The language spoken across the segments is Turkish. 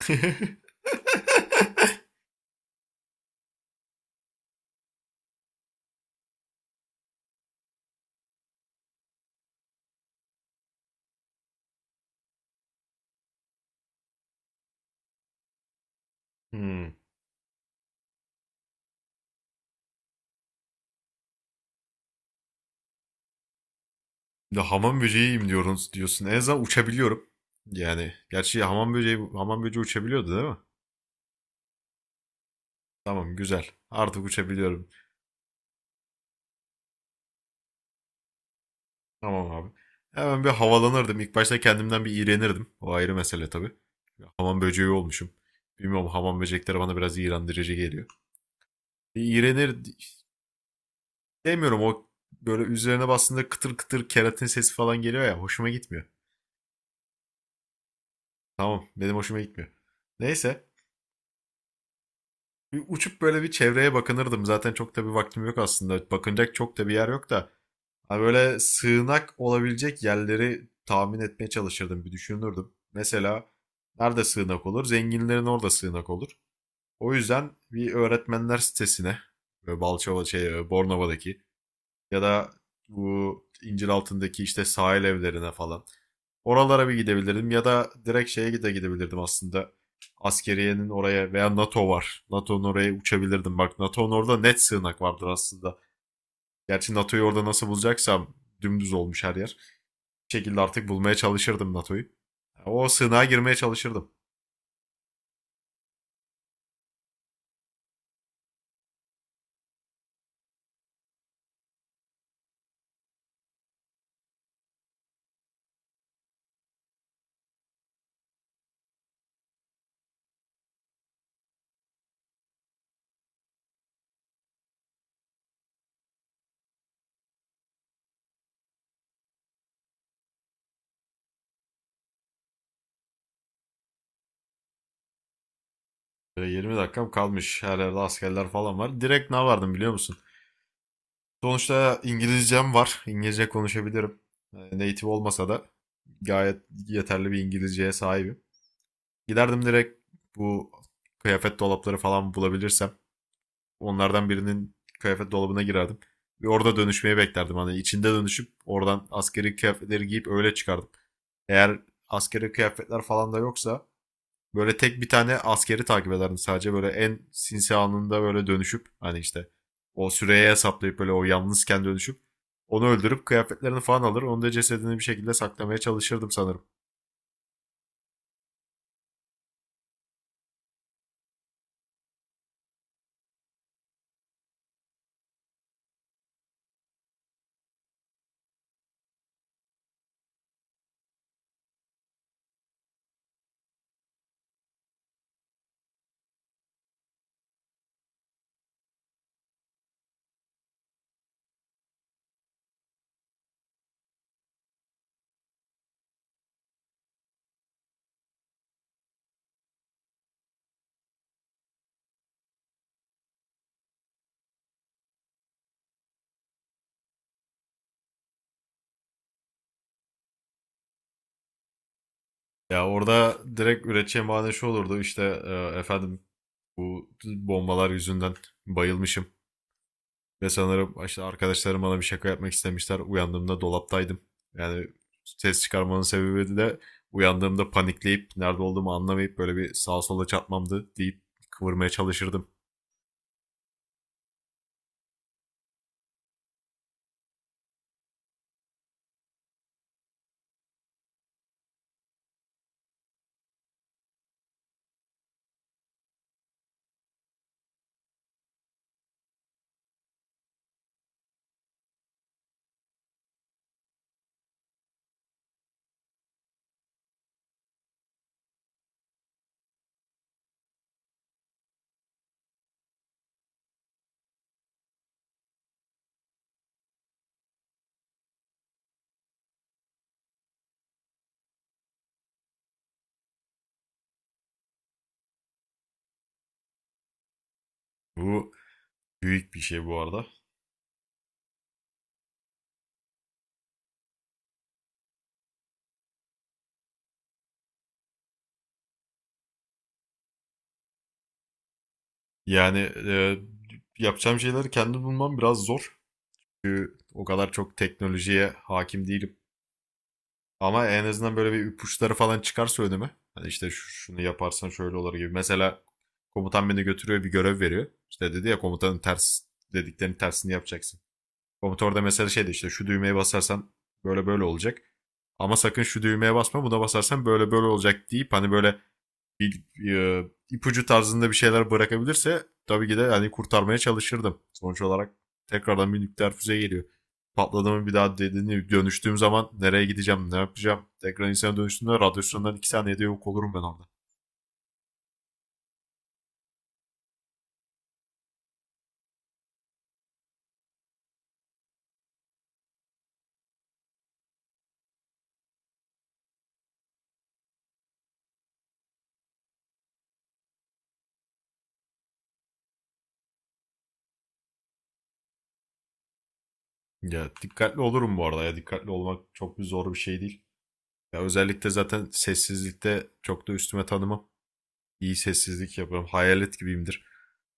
Hmm. Bir de hamam böceğiyim diyorsun. En azından uçabiliyorum. Yani gerçi hamam böceği uçabiliyordu, değil mi? Tamam, güzel. Artık uçabiliyorum. Tamam abi. Hemen bir havalanırdım. İlk başta kendimden bir iğrenirdim. O ayrı mesele tabii. Hamam böceği olmuşum. Bilmiyorum, hamam böcekleri bana biraz iğrendirici geliyor. Bir iğrenir demiyorum, o böyle üzerine bastığında kıtır kıtır keratin sesi falan geliyor ya, hoşuma gitmiyor. Tamam, benim hoşuma gitmiyor. Neyse, bir uçup böyle bir çevreye bakınırdım. Zaten çok da bir vaktim yok aslında. Bakınacak çok da bir yer yok da. Ha, böyle sığınak olabilecek yerleri tahmin etmeye çalışırdım. Bir düşünürdüm. Mesela nerede sığınak olur? Zenginlerin orada sığınak olur. O yüzden bir öğretmenler sitesine, böyle Balçova şey, Bornova'daki ya da bu İnciraltı'ndaki işte sahil evlerine falan. Oralara bir gidebilirdim ya da direkt şeye de gidebilirdim aslında. Askeriyenin oraya, veya NATO var. NATO'nun oraya uçabilirdim. Bak, NATO'nun orada net sığınak vardır aslında. Gerçi NATO'yu orada nasıl bulacaksam, dümdüz olmuş her yer. Bir şekilde artık bulmaya çalışırdım NATO'yu. O sığınağa girmeye çalışırdım. Böyle 20 dakikam kalmış. Her yerde askerler falan var. Direkt ne vardım biliyor musun? Sonuçta İngilizcem var. İngilizce konuşabilirim. Native olmasa da gayet yeterli bir İngilizceye sahibim. Giderdim direkt, bu kıyafet dolapları falan bulabilirsem onlardan birinin kıyafet dolabına girerdim. Ve orada dönüşmeyi beklerdim. Hani içinde dönüşüp oradan askeri kıyafetleri giyip öyle çıkardım. Eğer askeri kıyafetler falan da yoksa böyle tek bir tane askeri takip ederdim sadece. Böyle en sinsi anında böyle dönüşüp, hani işte o süreye hesaplayıp, böyle o yalnızken dönüşüp onu öldürüp kıyafetlerini falan alır. Onu da, cesedini bir şekilde saklamaya çalışırdım sanırım. Ya orada direkt üreteceğim bahane şu olurdu işte, efendim bu bombalar yüzünden bayılmışım. Ve sanırım işte arkadaşlarım bana bir şaka yapmak istemişler. Uyandığımda dolaptaydım. Yani ses çıkarmanın sebebi de uyandığımda panikleyip nerede olduğumu anlamayıp böyle bir sağa sola çarpmamdı deyip kıvırmaya çalışırdım. Bu büyük bir şey bu arada. Yani e, yapacağım şeyleri kendim bulmam biraz zor. Çünkü o kadar çok teknolojiye hakim değilim. Ama en azından böyle bir ipuçları falan çıkarsa önüme. Hani işte şunu yaparsan şöyle olur gibi. Mesela komutan beni götürüyor, bir görev veriyor. İşte dedi ya, komutanın dediklerinin tersini yapacaksın. Komutan orada mesela şeydi, işte şu düğmeye basarsan böyle böyle olacak. Ama sakın şu düğmeye basma, buna basarsan böyle böyle olacak deyip, hani böyle bir e, ipucu tarzında bir şeyler bırakabilirse tabii ki de hani kurtarmaya çalışırdım. Sonuç olarak tekrardan bir nükleer füze geliyor. Patladı mı, bir daha dediğini dönüştüğüm zaman nereye gideceğim, ne yapacağım? Tekrar insana dönüştüğümde radyasyondan 2 saniyede yok olurum ben orada. Ya dikkatli olurum bu arada, ya dikkatli olmak çok bir zor bir şey değil. Ya özellikle zaten sessizlikte çok da üstüme tanımam. İyi sessizlik yapıyorum. Hayalet gibiyimdir.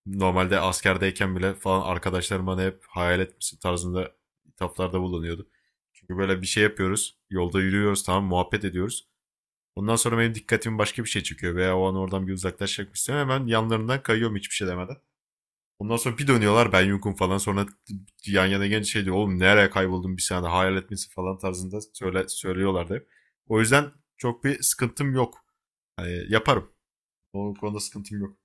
Normalde askerdeyken bile falan arkadaşlarım bana hep hayalet misin tarzında hitaplarda bulunuyordu. Çünkü böyle bir şey yapıyoruz. Yolda yürüyoruz, tamam, muhabbet ediyoruz. Ondan sonra benim dikkatimi başka bir şey çekiyor veya o an oradan bir uzaklaşmak istiyorum. Hemen yanlarından kayıyorum hiçbir şey demeden. Ondan sonra bir dönüyorlar, ben yokum falan. Sonra yan yana genç şey diyor. Oğlum nereye kayboldun bir saniye, hayalet misin falan tarzında söylüyorlardı hep. O yüzden çok bir sıkıntım yok. Hani yaparım. O konuda sıkıntım yok.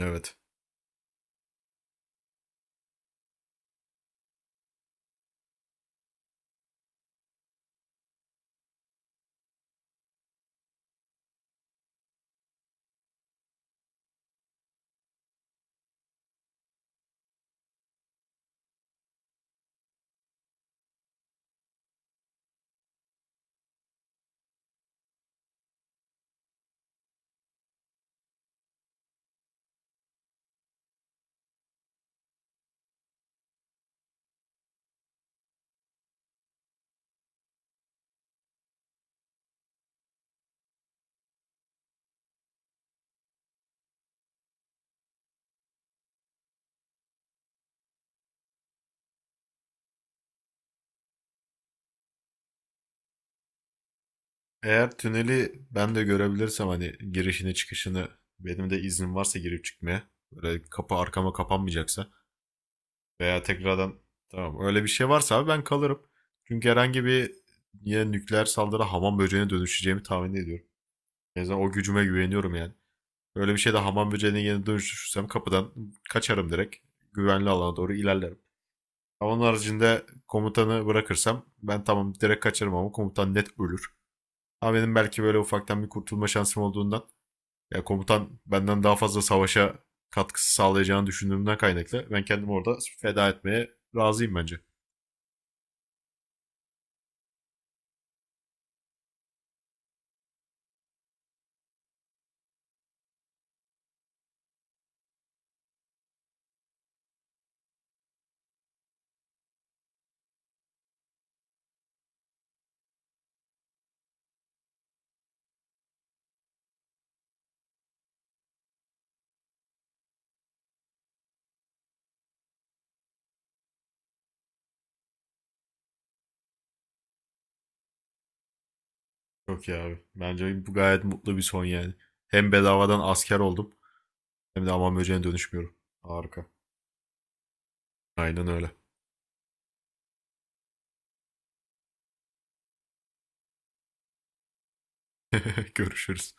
Evet. Eğer tüneli ben de görebilirsem, hani girişini çıkışını, benim de iznim varsa girip çıkmaya, böyle kapı arkama kapanmayacaksa veya tekrardan, tamam, öyle bir şey varsa abi ben kalırım. Çünkü herhangi bir yine nükleer saldırı hamam böceğine dönüşeceğimi tahmin ediyorum. En azından o gücüme güveniyorum yani. Öyle bir şeyde hamam böceğine yine dönüşürsem kapıdan kaçarım direkt. Güvenli alana doğru ilerlerim. Ama onun haricinde komutanı bırakırsam ben, tamam, direkt kaçarım, ama komutan net ölür. Ama benim belki böyle ufaktan bir kurtulma şansım olduğundan. Ya komutan benden daha fazla savaşa katkısı sağlayacağını düşündüğümden kaynaklı. Ben kendimi orada feda etmeye razıyım bence. Çok iyi abi. Bence bu gayet mutlu bir son yani. Hem bedavadan asker oldum, hem de aman böceğine dönüşmüyorum. Harika. Aynen öyle. Görüşürüz.